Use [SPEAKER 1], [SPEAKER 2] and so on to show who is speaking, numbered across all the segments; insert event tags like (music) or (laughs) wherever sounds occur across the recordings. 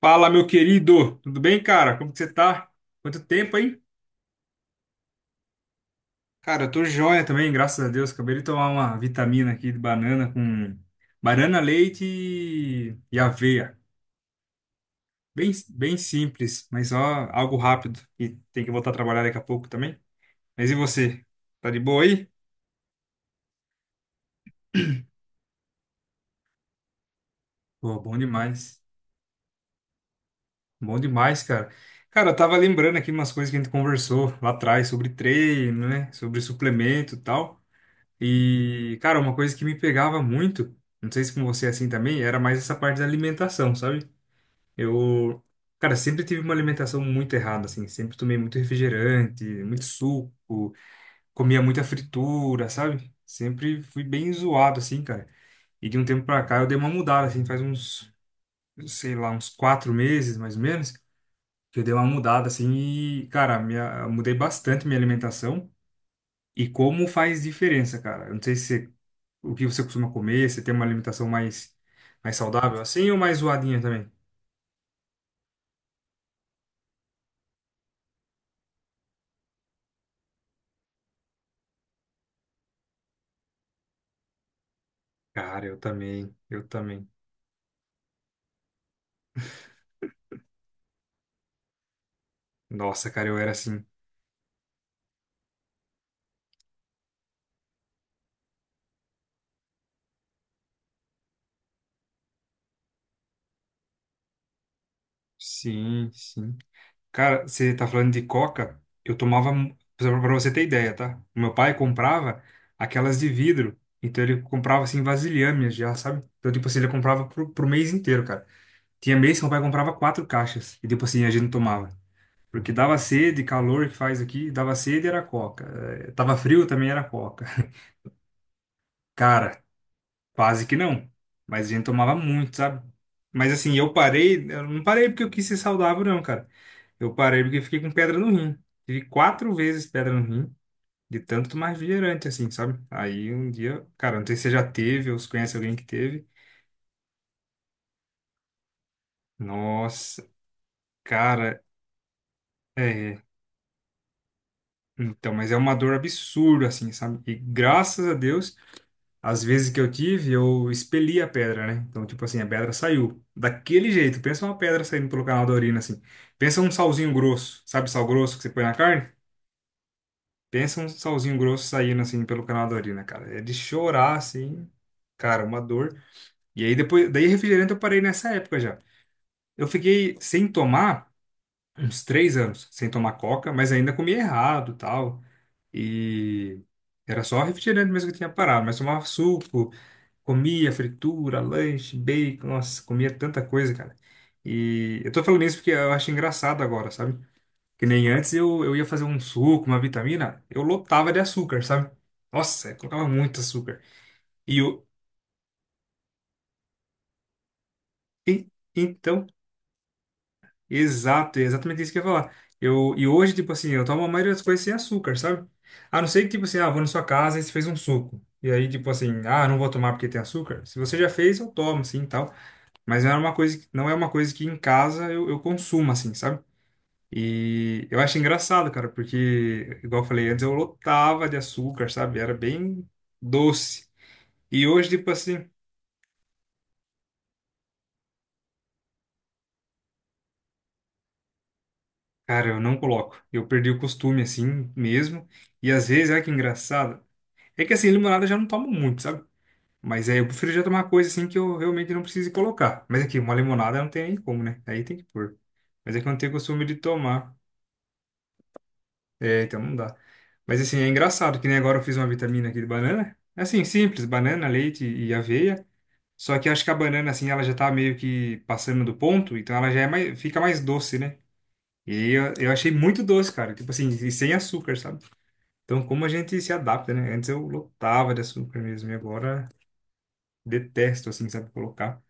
[SPEAKER 1] Fala, meu querido! Tudo bem, cara? Como que você tá? Quanto tempo, hein? Cara, eu tô joia também, graças a Deus. Acabei de tomar uma vitamina aqui de banana com banana, leite e aveia. Bem simples, mas ó, algo rápido. E tem que voltar a trabalhar daqui a pouco também. Mas e você? Tá de boa aí? Pô, bom demais. Bom demais, cara. Cara, eu tava lembrando aqui umas coisas que a gente conversou lá atrás sobre treino, né? Sobre suplemento e tal. E, cara, uma coisa que me pegava muito, não sei se com você é assim também, era mais essa parte da alimentação, sabe? Eu, cara, sempre tive uma alimentação muito errada, assim, sempre tomei muito refrigerante, muito suco, comia muita fritura, sabe? Sempre fui bem zoado, assim, cara. E de um tempo pra cá eu dei uma mudada, assim, faz uns, sei lá, uns quatro meses, mais ou menos, que eu dei uma mudada, assim, e, cara, minha, mudei bastante minha alimentação. E como faz diferença, cara? Eu não sei se você o que você costuma comer? Você tem uma alimentação mais, mais saudável assim ou mais zoadinha também? Cara, eu também. Nossa, cara, eu era assim. Sim. Cara, você tá falando de coca? Eu tomava, mu- pra você ter ideia, tá? O meu pai comprava aquelas de vidro. Então ele comprava assim vasilhames já, sabe? Então, tipo assim, ele comprava pro, pro mês inteiro, cara. Tinha mês que meu pai comprava quatro caixas. E tipo assim, a gente não tomava. Porque dava sede, calor que faz aqui, dava sede era coca. Tava frio também era coca. Cara, quase que não. Mas a gente tomava muito, sabe? Mas assim, eu parei, eu não parei porque eu quis ser saudável, não, cara. Eu parei porque fiquei com pedra no rim. Tive quatro vezes pedra no rim, de tanto tomar refrigerante, assim, sabe? Aí um dia, cara, não sei se você já teve ou se conhece alguém que teve. Nossa, cara, é. Então, mas é uma dor absurda, assim, sabe? E graças a Deus. As vezes que eu tive, eu expeli a pedra, né? Então, tipo assim, a pedra saiu. Daquele jeito. Pensa uma pedra saindo pelo canal da urina, assim. Pensa um salzinho grosso. Sabe sal grosso que você põe na carne? Pensa um salzinho grosso saindo, assim, pelo canal da urina, cara. É de chorar, assim. Cara, uma dor. E aí, depois... Daí, refrigerante eu parei nessa época já. Eu fiquei sem tomar uns três anos. Sem tomar coca, mas ainda comia errado, tal. E... Era só refrigerante mesmo que eu tinha parado. Mas tomava suco. Comia fritura, lanche, bacon, nossa, comia tanta coisa, cara. E eu tô falando isso porque eu acho engraçado agora, sabe? Que nem antes eu ia fazer um suco, uma vitamina, eu lotava de açúcar, sabe? Nossa, eu colocava muito açúcar. E eu, e- então, exato, é exatamente isso que eu ia falar. Eu, e hoje, tipo assim, eu tomo a maioria das coisas sem açúcar, sabe? A não ser que, tipo assim, ah, vou na sua casa e você fez um suco. E aí, tipo assim, ah, não vou tomar porque tem açúcar. Se você já fez, eu tomo, assim tal. Mas não é uma coisa, que- não é uma coisa que em casa eu consumo, assim, sabe? E eu acho engraçado, cara, porque, igual eu falei antes, eu lotava de açúcar, sabe? Era bem doce. E hoje, tipo assim, cara, eu não coloco. Eu perdi o costume, assim, mesmo. E às vezes, olha que engraçado. É que assim, limonada eu já não tomo muito, sabe? Mas é, eu prefiro já tomar coisa assim que eu realmente não precise colocar. Mas aqui, uma limonada não tem nem como, né? Aí tem que pôr. Mas é que eu não tenho costume de tomar. É, então não dá. Mas assim, é engraçado que nem agora eu fiz uma vitamina aqui de banana. Assim, simples, banana, leite e aveia. Só que acho que a banana, assim, ela já tá meio que passando do ponto, então ela já é mais, fica mais doce, né? E aí eu achei muito doce, cara. Tipo assim, e sem açúcar, sabe? Então como a gente se adapta, né? Antes eu lotava de açúcar mesmo, e agora detesto, assim, sabe, colocar.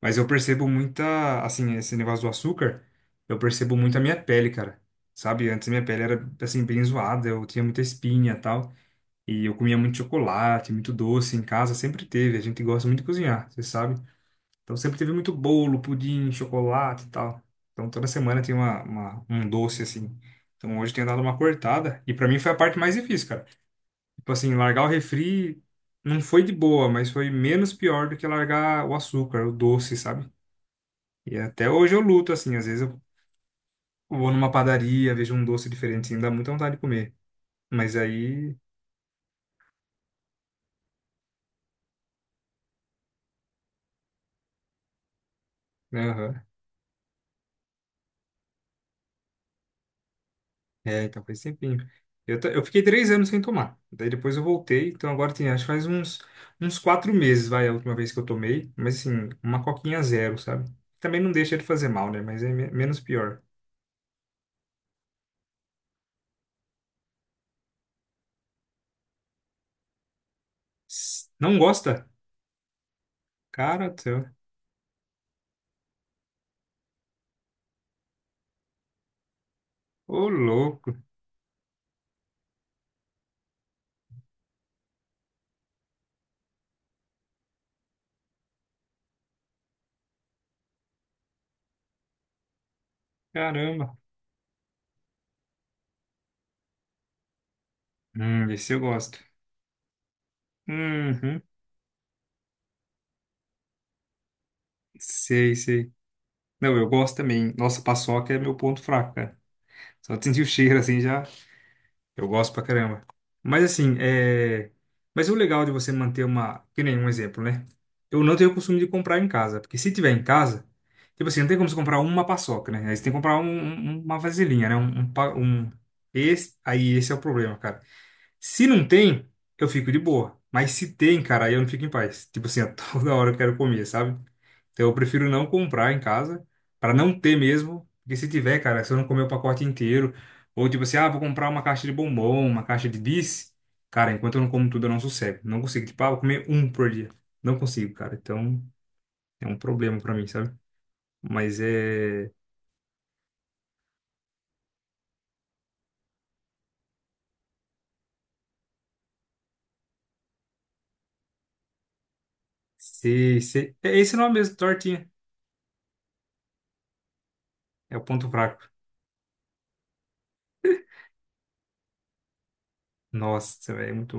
[SPEAKER 1] Mas eu percebo muita, assim, esse negócio do açúcar, eu percebo muito a minha pele, cara. Sabe? Antes minha pele era, assim, bem zoada, eu tinha muita espinha e tal. E eu comia muito chocolate, muito doce em casa, sempre teve. A gente gosta muito de cozinhar, você sabe? Então sempre teve muito bolo, pudim, chocolate e tal. Então toda semana tem uma- um doce assim. Então hoje eu tenho dado uma cortada. E pra mim foi a parte mais difícil, cara. Tipo assim, largar o refri não foi de boa, mas foi menos pior do que largar o açúcar, o doce, sabe? E até hoje eu luto, assim. Às vezes eu vou numa padaria, vejo um doce diferente, assim, dá muita vontade de comer. Mas aí. Aham. É, então faz tempinho. Eu, ta- eu fiquei três anos sem tomar. Daí depois eu voltei. Então agora tem, acho que faz uns, uns quatro meses, vai, a última vez que eu tomei. Mas assim, uma coquinha zero, sabe? Também não deixa de fazer mal, né? Mas é me- menos pior. S- Não gosta? Cara do céu. Ô, louco. Caramba. Esse eu gosto. Uhum. Sei, sei. Não, eu gosto também. Nossa, paçoca é meu ponto fraco, cara. Só de sentir o cheiro, assim, já. Eu gosto pra caramba. Mas assim, é... Mas o legal de você manter uma... Que nem um exemplo, né? Eu não tenho o costume de comprar em casa. Porque se tiver em casa... Tipo assim, não tem como você comprar uma paçoca, né? Aí você tem que comprar um- um- uma vasilhinha, né? Um, pa- um... Esse... Aí esse é o problema, cara. Se não tem, eu fico de boa. Mas se tem, cara, aí eu não fico em paz. Tipo assim, (laughs) a toda hora eu quero comer, sabe? Então eu prefiro não comprar em casa, pra não ter mesmo. Porque se tiver, cara, se eu não comer o pacote inteiro, ou tipo assim, ah, vou comprar uma caixa de bombom, uma caixa de bis, cara, enquanto eu não como tudo, eu não sossego. Não consigo, tipo, ah, vou comer um por dia. Não consigo, cara. Então é um problema pra mim, sabe? Mas é. Se... É esse o nome mesmo, tortinha. É o ponto fraco. Nossa, velho, é muito.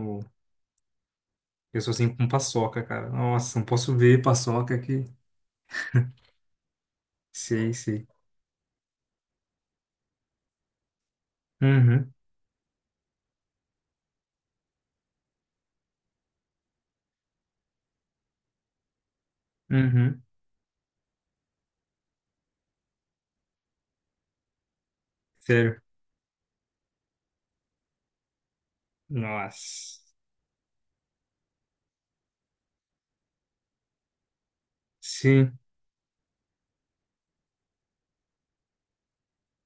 [SPEAKER 1] Eu sou assim com paçoca, cara. Nossa, não posso ver paçoca aqui. Sei, sei. Uhum, uhum. Sério. Nossa. Sim,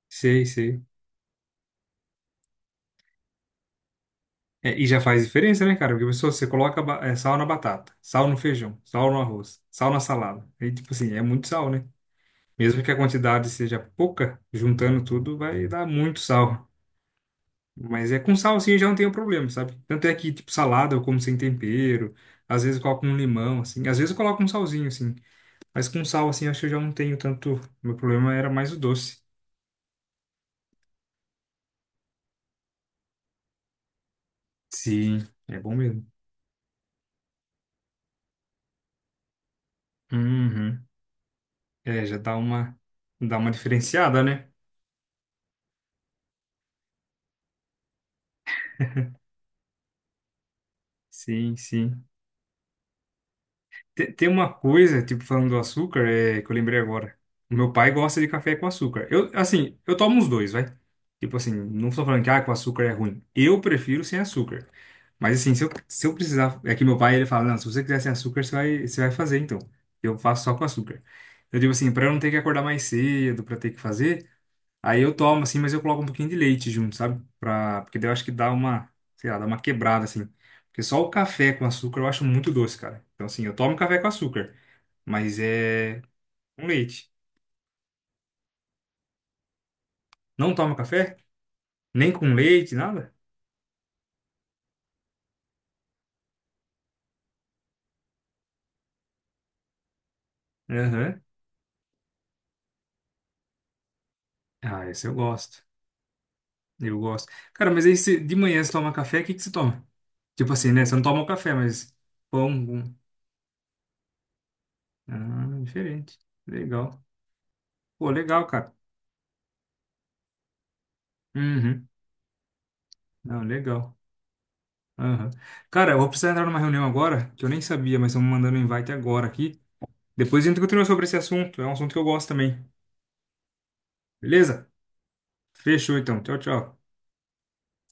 [SPEAKER 1] sei, sei. É, e já faz diferença, né, cara? Porque a pessoa, você coloca ba- é, sal na batata, sal no feijão, sal no arroz, sal na salada. E, tipo assim, é muito sal, né? Mesmo que a quantidade seja pouca, juntando tudo, vai dar muito sal. Mas é com sal, assim, eu já não tenho problema, sabe? Tanto é que, tipo, salada eu como sem tempero. Às vezes eu coloco um limão, assim. Às vezes eu coloco um salzinho, assim. Mas com sal, assim, acho que eu já não tenho tanto. Meu problema era mais o doce. Sim, é bom mesmo. Uhum. É, já dá uma diferenciada, né? Sim. Te- Tem uma coisa, tipo, falando do açúcar, é, que eu lembrei agora. O meu pai gosta de café com açúcar. Eu, assim, eu tomo os dois, vai. Tipo assim, não estou falando que ah, com açúcar é ruim. Eu prefiro sem açúcar. Mas assim, se eu precisar. É que meu pai, ele fala: não, se você quiser sem açúcar, você vai fazer então. Eu faço só com açúcar. Eu digo assim, para eu não ter que acordar mais cedo, para ter que fazer, aí eu tomo, assim, mas eu coloco um pouquinho de leite junto, sabe? Pra... Porque daí eu acho que dá uma, sei lá, dá uma quebrada, assim. Porque só o café com açúcar eu acho muito doce, cara. Então, assim, eu tomo café com açúcar, mas é com leite. Não tomo café? Nem com leite, nada? Aham. Ah, esse eu gosto. Eu gosto. Cara, mas aí você- de manhã você toma café, o que que você toma? Tipo assim, né? Você não toma o café, mas pão. Com- Ah, diferente. Legal. Pô, legal, cara. Uhum. Não, legal. Aham. Cara, eu vou precisar entrar numa reunião agora, que eu nem sabia, mas estão me mandando um invite agora aqui. Depois a gente continua sobre esse assunto, é um assunto que eu gosto também. Beleza? Fechou então. Tchau, tchau.